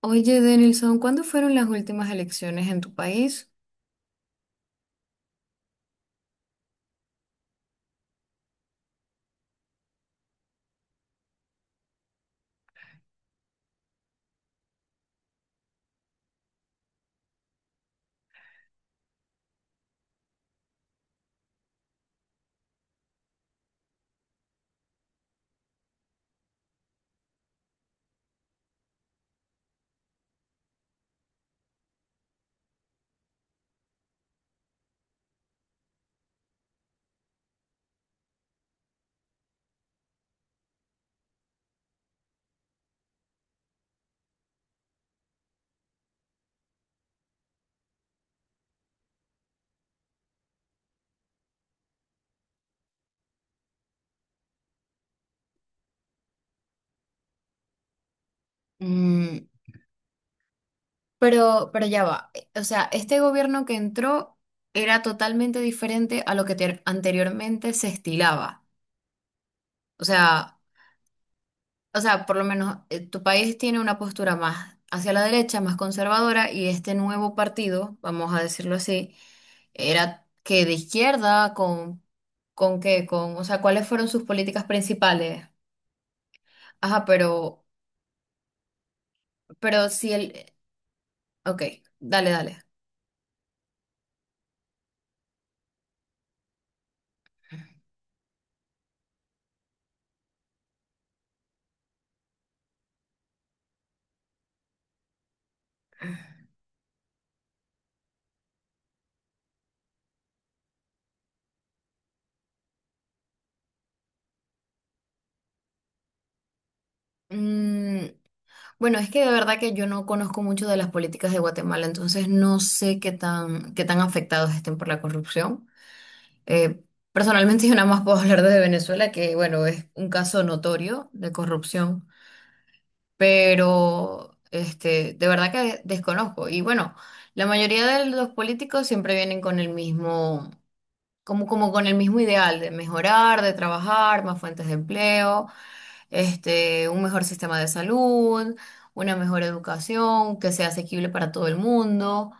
Oye, Denilson, ¿cuándo fueron las últimas elecciones en tu país? Mm, pero, ya va. O sea, este gobierno que entró era totalmente diferente a lo que anteriormente se estilaba. O sea, por lo menos tu país tiene una postura más hacia la derecha, más conservadora, y este nuevo partido, vamos a decirlo así, era que de izquierda, con qué, o sea, ¿cuáles fueron sus políticas principales? Ajá, pero si el, Ok, dale, dale. Mm, bueno, es que de verdad que yo no conozco mucho de las políticas de Guatemala, entonces no sé qué tan afectados estén por la corrupción. Eh, Personalmente yo nada más puedo hablar de Venezuela, que bueno, es un caso notorio de corrupción, pero este, de verdad que desconozco. Y bueno, la mayoría de los políticos siempre vienen con el mismo, como con el mismo ideal de mejorar, de trabajar, más fuentes de empleo este, un mejor sistema de salud, una mejor educación que sea asequible para todo el mundo,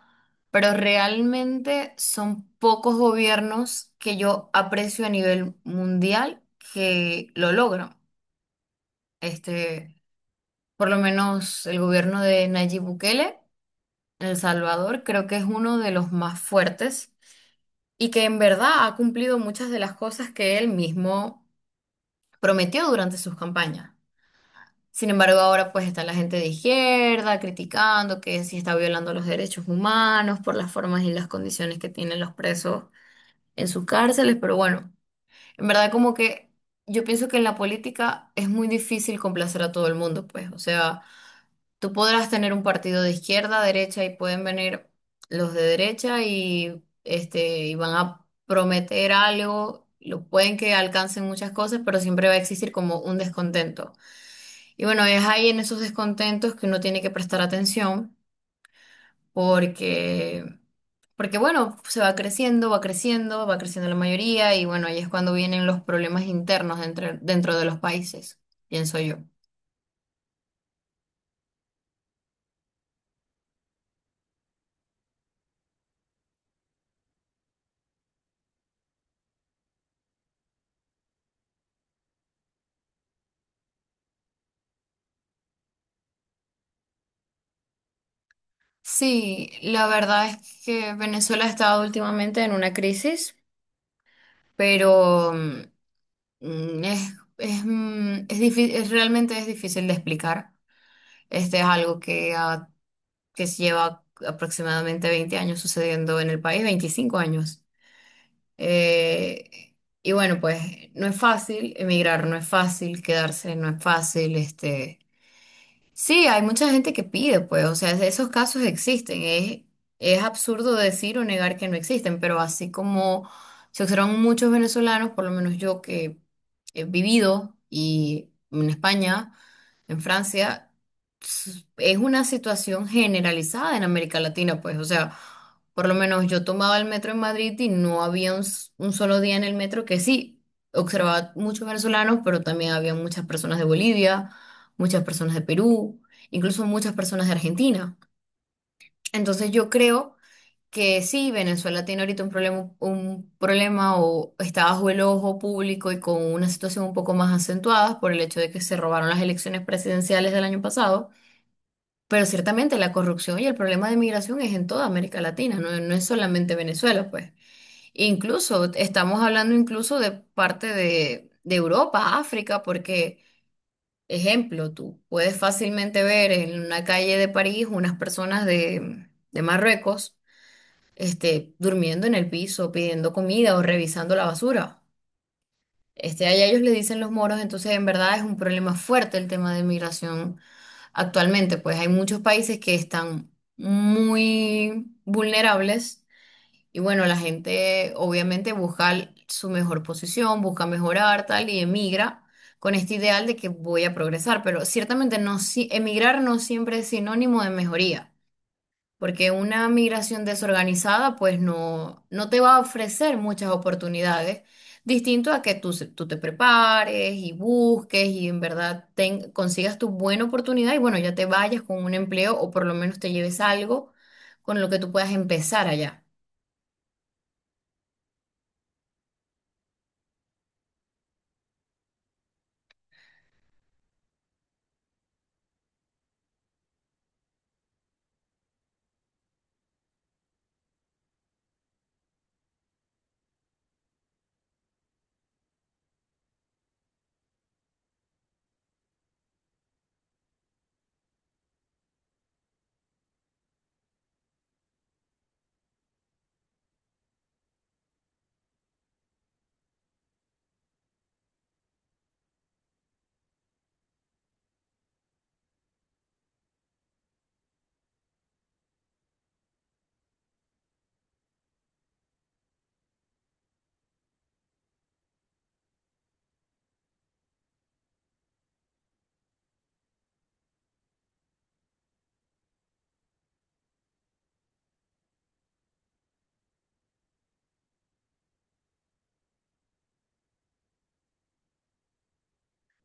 pero realmente son pocos gobiernos que yo aprecio a nivel mundial que lo logran. Este, por lo menos el gobierno de Nayib Bukele en El Salvador creo que es uno de los más fuertes y que en verdad ha cumplido muchas de las cosas que él mismo prometió durante sus campañas. Sin embargo, ahora pues está la gente de izquierda criticando que sí está violando los derechos humanos por las formas y las condiciones que tienen los presos en sus cárceles, pero bueno, en verdad como que yo pienso que en la política es muy difícil complacer a todo el mundo, pues, o sea, tú podrás tener un partido de izquierda, derecha y pueden venir los de derecha y este y van a prometer algo, lo pueden que alcancen muchas cosas, pero siempre va a existir como un descontento. Y bueno, es ahí en esos descontentos que uno tiene que prestar atención porque, porque bueno, se va creciendo, va creciendo, va creciendo la mayoría y bueno, ahí es cuando vienen los problemas internos dentro de los países, pienso yo. Sí, la verdad es que Venezuela ha estado últimamente en una crisis, pero mm, es, es, realmente es difícil de explicar. Este es algo que lleva aproximadamente 20 años sucediendo en el país, 25 años. Eh, y bueno, pues no es fácil emigrar, no es fácil quedarse, no es fácil, este. Sí, hay mucha gente que pide, pues, o sea, esos casos existen. Es absurdo decir o negar que no existen, pero así como se observan muchos venezolanos, por lo menos yo que he vivido y en España, en Francia es una situación generalizada en América Latina, pues, o sea, por lo menos yo tomaba el metro en Madrid y no había un solo día en el metro que sí, observaba muchos venezolanos, pero también había muchas personas de Bolivia, muchas personas de Perú, incluso muchas personas de Argentina. Entonces yo creo que sí, Venezuela tiene ahorita un problema o está bajo el ojo público y con una situación un poco más acentuada por el hecho de que se robaron las elecciones presidenciales del año pasado, pero ciertamente la corrupción y el problema de migración es en toda América Latina, no, no es solamente Venezuela, pues. Incluso estamos hablando incluso de parte de Europa, África, porque, ejemplo, tú puedes fácilmente ver en una calle de París unas personas de Marruecos este, durmiendo en el piso, pidiendo comida o revisando la basura. Este, allá ellos le dicen los moros, entonces en verdad es un problema fuerte el tema de migración actualmente, pues hay muchos países que están muy vulnerables y bueno, la gente obviamente busca su mejor posición, busca mejorar tal y emigra con este ideal de que voy a progresar, pero ciertamente no, emigrar no siempre es sinónimo de mejoría. Porque una migración desorganizada, pues no, no te va a ofrecer muchas oportunidades, distinto a que tú te prepares y busques y en verdad consigas tu buena oportunidad y bueno, ya te vayas con un empleo o por lo menos te lleves algo con lo que tú puedas empezar allá.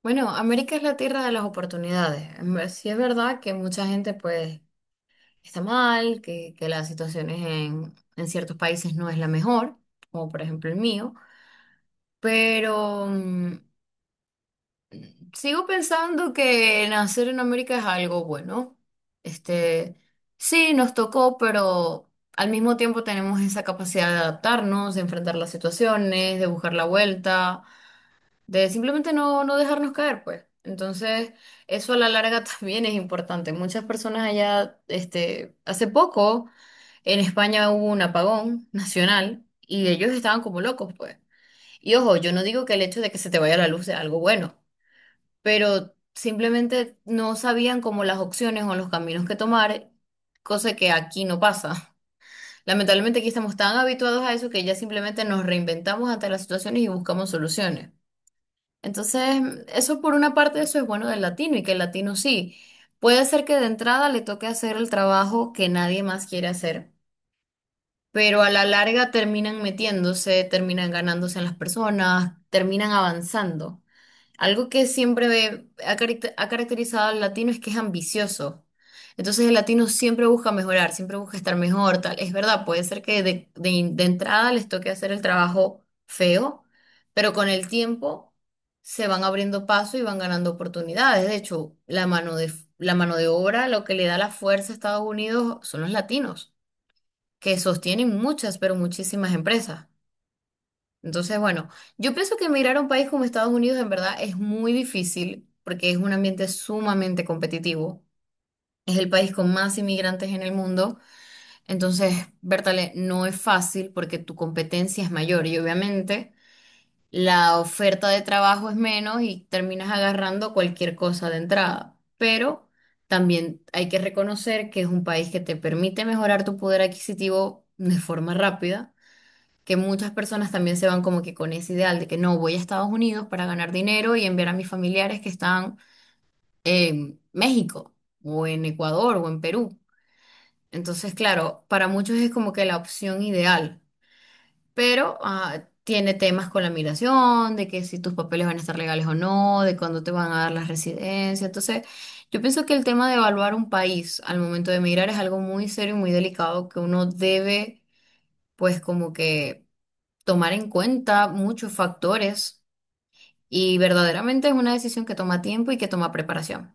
Bueno, América es la tierra de las oportunidades. Sí es verdad que mucha gente pues está mal, que las situaciones en ciertos países no es la mejor, como por ejemplo el mío. Pero mm, sigo pensando que nacer en América es algo bueno. Este, sí, nos tocó, pero al mismo tiempo tenemos esa capacidad de adaptarnos, de enfrentar las situaciones, de buscar la vuelta, de simplemente no, no dejarnos caer, pues. Entonces, eso a la larga también es importante. Muchas personas allá, este, hace poco en España hubo un apagón nacional y ellos estaban como locos, pues. Y ojo, yo no digo que el hecho de que se te vaya la luz sea algo bueno, pero simplemente no sabían como las opciones o los caminos que tomar, cosa que aquí no pasa. Lamentablemente aquí estamos tan habituados a eso que ya simplemente nos reinventamos ante las situaciones y buscamos soluciones. Entonces, eso por una parte, eso es bueno del latino y que el latino sí. Puede ser que de entrada le toque hacer el trabajo que nadie más quiere hacer, pero a la larga terminan metiéndose, terminan ganándose en las personas, terminan avanzando. Algo que siempre ha caracterizado al latino es que es ambicioso. Entonces el latino siempre busca mejorar, siempre busca estar mejor, tal. Es verdad, puede ser que de entrada les toque hacer el trabajo feo, pero con el tiempo se van abriendo paso y van ganando oportunidades. De hecho, la mano de obra, lo que le da la fuerza a Estados Unidos son los latinos que sostienen muchas, pero muchísimas empresas. Entonces, bueno, yo pienso que emigrar a un país como Estados Unidos en verdad es muy difícil porque es un ambiente sumamente competitivo. Es el país con más inmigrantes en el mundo. Entonces, Bertale, no es fácil porque tu competencia es mayor y obviamente la oferta de trabajo es menos y terminas agarrando cualquier cosa de entrada. Pero también hay que reconocer que es un país que te permite mejorar tu poder adquisitivo de forma rápida, que muchas personas también se van como que con ese ideal de que no, voy a Estados Unidos para ganar dinero y enviar a mis familiares que están en México o en Ecuador o en Perú. Entonces, claro, para muchos es como que la opción ideal, pero ah, tiene temas con la migración, de que si tus papeles van a estar legales o no, de cuándo te van a dar la residencia. Entonces, yo pienso que el tema de evaluar un país al momento de emigrar es algo muy serio y muy delicado que uno debe, pues como que tomar en cuenta muchos factores, y verdaderamente es una decisión que toma tiempo y que toma preparación.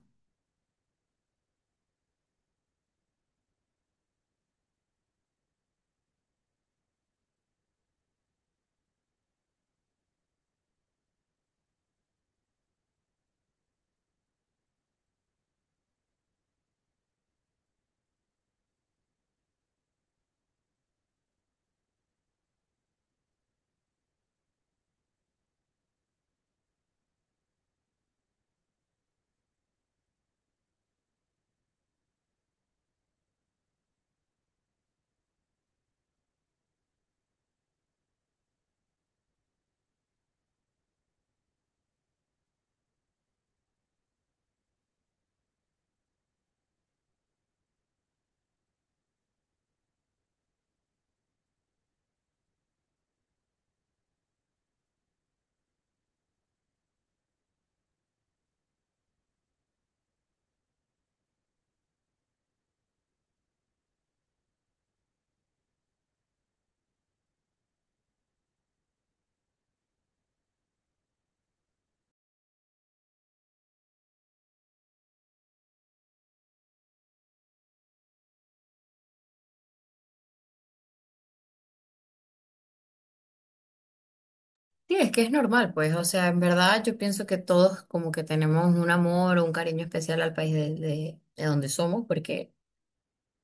Sí, es que es normal, pues, o sea, en verdad yo pienso que todos como que tenemos un amor o un cariño especial al país de donde somos, porque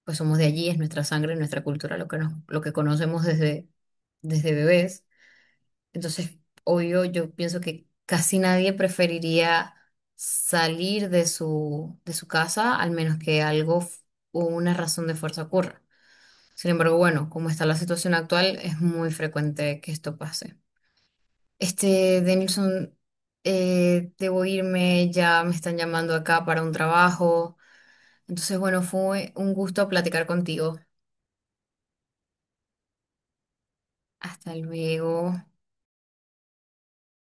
pues somos de allí, es nuestra sangre, nuestra cultura, lo que nos, lo que conocemos desde bebés. Entonces, obvio, yo pienso que casi nadie preferiría salir de su casa, al menos que o una razón de fuerza ocurra. Sin embargo, bueno, como está la situación actual, es muy frecuente que esto pase. Este, Denilson, debo irme, ya me están llamando acá para un trabajo. Entonces, bueno, fue un gusto platicar contigo. Hasta luego.